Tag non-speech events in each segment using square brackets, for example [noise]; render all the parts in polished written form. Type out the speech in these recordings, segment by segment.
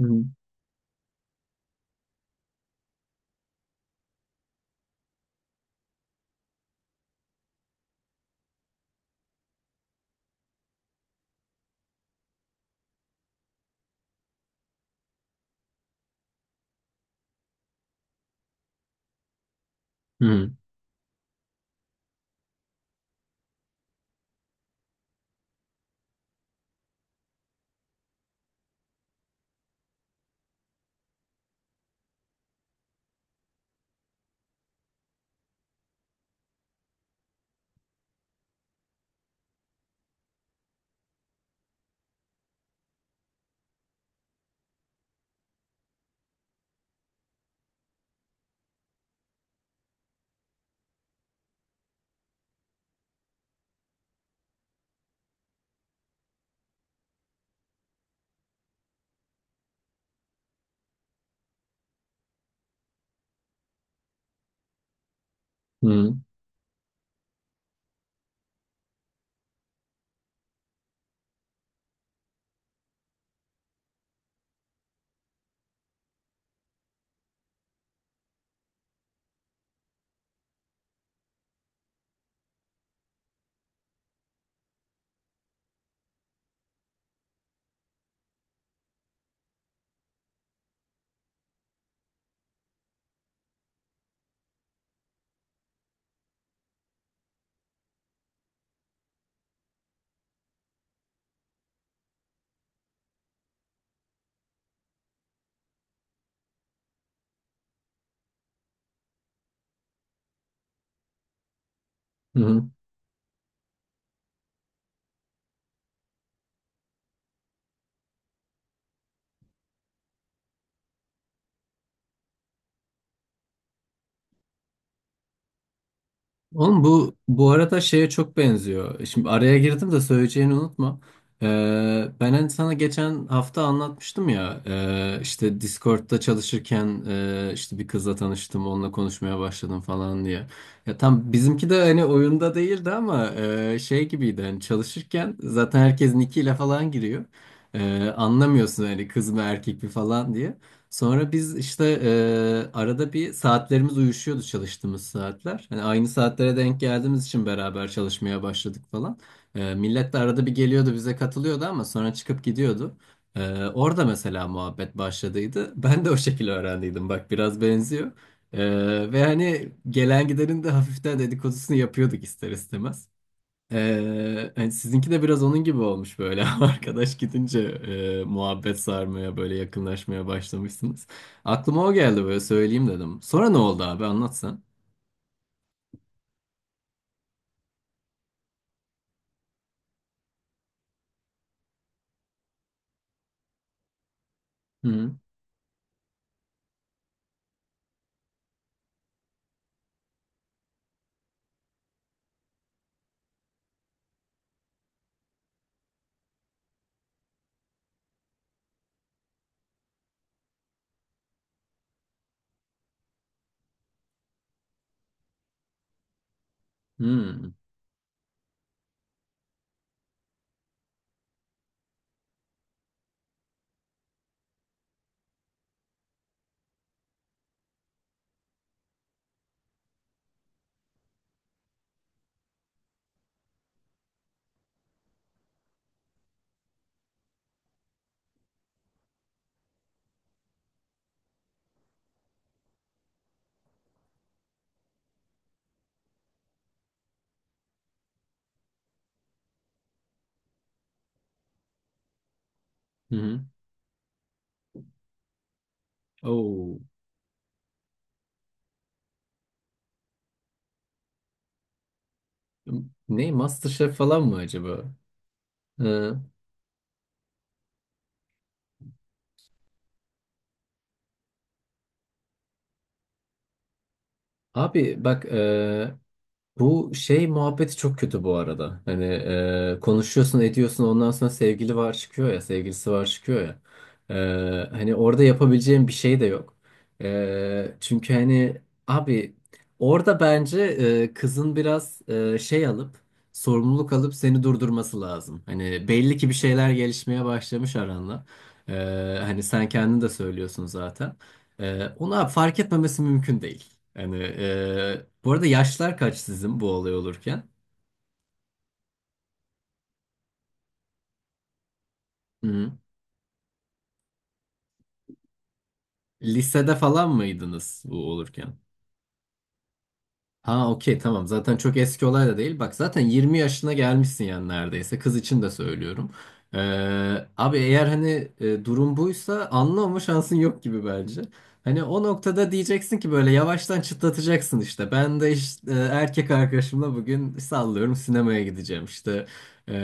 Hı hı, hı hı. Oğlum, bu bu arada şeye çok benziyor. Şimdi araya girdim de söyleyeceğini unutma. Ben hani sana geçen hafta anlatmıştım ya, işte Discord'da çalışırken, işte bir kızla tanıştım, onunla konuşmaya başladım falan diye. Ya tam bizimki de hani oyunda değildi ama şey gibiydi, hani çalışırken zaten herkes nickiyle falan giriyor. Anlamıyorsun hani, kız mı erkek mi falan diye. Sonra biz işte, arada bir saatlerimiz uyuşuyordu, çalıştığımız saatler. Hani aynı saatlere denk geldiğimiz için beraber çalışmaya başladık falan. Millet de arada bir geliyordu, bize katılıyordu ama sonra çıkıp gidiyordu. Orada mesela muhabbet başladıydı. [laughs] Ben de o şekilde öğrendiydim. Bak, biraz benziyor. Ve hani gelen gidenin de hafiften dedikodusunu yapıyorduk, ister istemez. Hani sizinki de biraz onun gibi olmuş böyle, [laughs] arkadaş gidince muhabbet sarmaya, böyle yakınlaşmaya başlamışsınız. Aklıma o geldi, böyle söyleyeyim dedim. Sonra ne oldu abi, anlatsan. Hı hı. Hı hı. Oo. Ne, MasterChef falan mı acaba? Hı. Abi bak, bu şey muhabbeti çok kötü bu arada. Hani konuşuyorsun ediyorsun, ondan sonra sevgili var çıkıyor ya, sevgilisi var çıkıyor ya. Hani orada yapabileceğim bir şey de yok. Çünkü hani, abi, orada bence kızın biraz şey alıp, sorumluluk alıp seni durdurması lazım. Hani belli ki bir şeyler gelişmeye başlamış aranla. E, Hani sen kendin de söylüyorsun zaten. Ona fark etmemesi mümkün değil. Yani bu arada yaşlar kaç sizin bu olay olurken? Hı. Lisede falan mıydınız bu olurken? Ha, okey, tamam, zaten çok eski olay da değil. Bak zaten 20 yaşına gelmişsin yani, neredeyse. Kız için de söylüyorum. Ee, Abi, eğer hani durum buysa, anlama şansın yok gibi bence. Hani o noktada diyeceksin ki böyle yavaştan çıtlatacaksın işte. Ben de işte, erkek arkadaşımla bugün sallıyorum sinemaya gideceğim işte. Ee,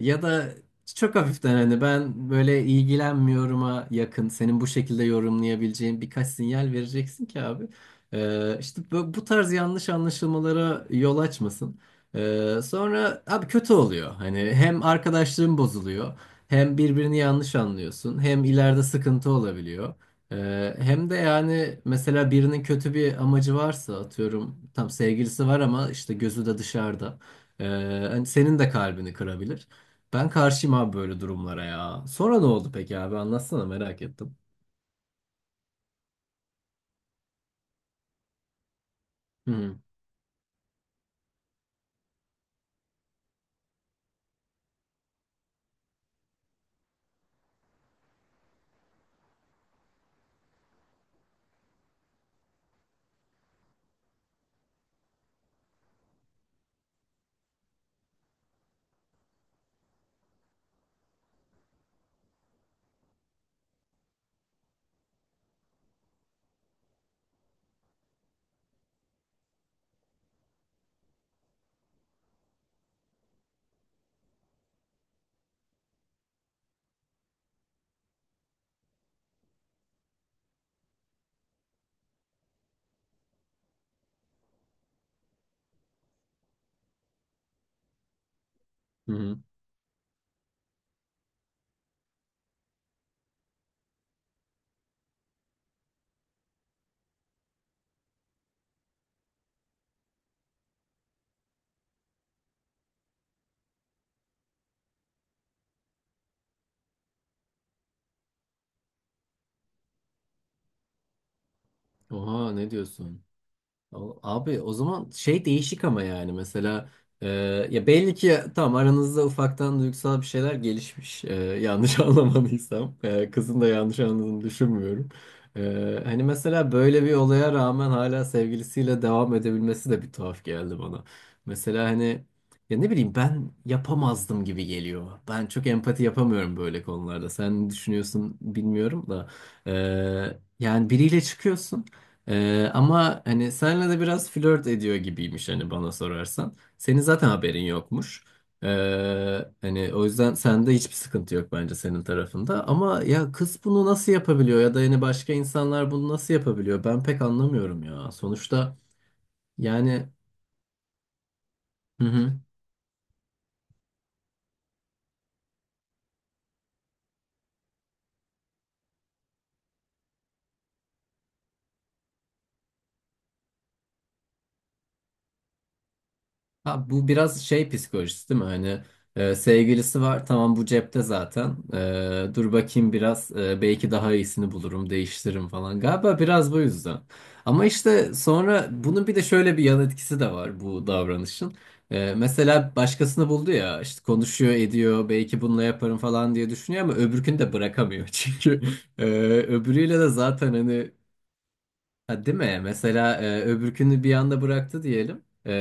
Ya da çok hafiften, hani ben böyle ilgilenmiyorum'a yakın, senin bu şekilde yorumlayabileceğin birkaç sinyal vereceksin ki, abi. İşte bu tarz yanlış anlaşılmalara yol açmasın. Sonra abi, kötü oluyor. Hani hem arkadaşlığın bozuluyor, hem birbirini yanlış anlıyorsun, hem ileride sıkıntı olabiliyor. Hem de yani mesela birinin kötü bir amacı varsa, atıyorum, tam sevgilisi var ama işte gözü de dışarıda. Ee, Hani senin de kalbini kırabilir. Ben karşıyım abi böyle durumlara ya. Sonra ne oldu peki abi, anlatsana, merak ettim. Hı hı, hı hı. Oha, ne diyorsun? O- Abi, o zaman şey, değişik ama yani mesela e, ya belli ki tamam, aranızda ufaktan duygusal bir şeyler gelişmiş. Yanlış [laughs] anlamadıysam, kızın da yanlış anladığını düşünmüyorum. Hani mesela böyle bir olaya rağmen hala sevgilisiyle devam edebilmesi de bir tuhaf geldi bana. Mesela hani, ya ne bileyim, ben yapamazdım gibi geliyor. Ben çok empati yapamıyorum böyle konularda. Sen ne düşünüyorsun bilmiyorum da, E, yani biriyle çıkıyorsun. Ama hani senle de biraz flört ediyor gibiymiş, hani bana sorarsan. Senin zaten haberin yokmuş. Ee, Hani o yüzden sende hiçbir sıkıntı yok, bence senin tarafında. Ama ya kız bunu nasıl yapabiliyor, ya da yani başka insanlar bunu nasıl yapabiliyor? Ben pek anlamıyorum ya. Sonuçta yani... Hı hı. Ha, bu biraz şey psikolojisi değil mi? Hani sevgilisi var, tamam, bu cepte zaten. Dur bakayım biraz, belki daha iyisini bulurum, değiştiririm falan. Galiba biraz bu yüzden. Ama işte sonra bunun bir de şöyle bir yan etkisi de var bu davranışın. Mesela başkasını buldu ya, işte konuşuyor ediyor, belki bununla yaparım falan diye düşünüyor ama öbürkünü de bırakamıyor. [laughs] Çünkü e, öbürüyle de zaten hani... Ha, değil mi? Mesela öbürkünü bir anda bıraktı diyelim.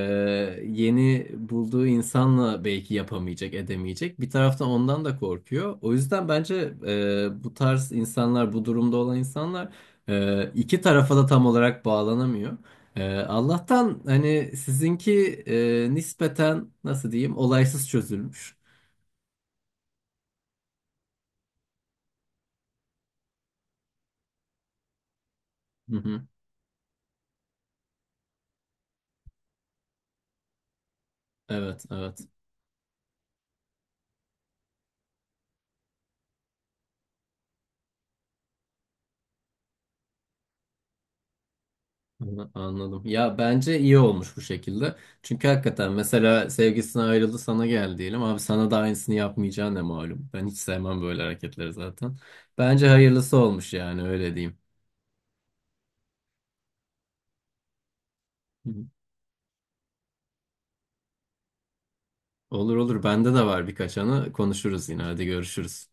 Yeni bulduğu insanla belki yapamayacak, edemeyecek. Bir taraftan ondan da korkuyor. O yüzden bence bu tarz insanlar, bu durumda olan insanlar iki tarafa da tam olarak bağlanamıyor. Allah'tan hani sizinki nispeten, nasıl diyeyim, olaysız çözülmüş. Hı hı. Evet, evet. Anla- Anladım. Ya bence iyi olmuş bu şekilde. Çünkü hakikaten mesela sevgisine ayrıldı sana gel diyelim. Abi sana da aynısını yapmayacağı ne malum. Ben hiç sevmem böyle hareketleri zaten. Bence hayırlısı olmuş, yani öyle diyeyim. Hı, hı. Olur olur, bende de var birkaç anı, konuşuruz yine, hadi görüşürüz.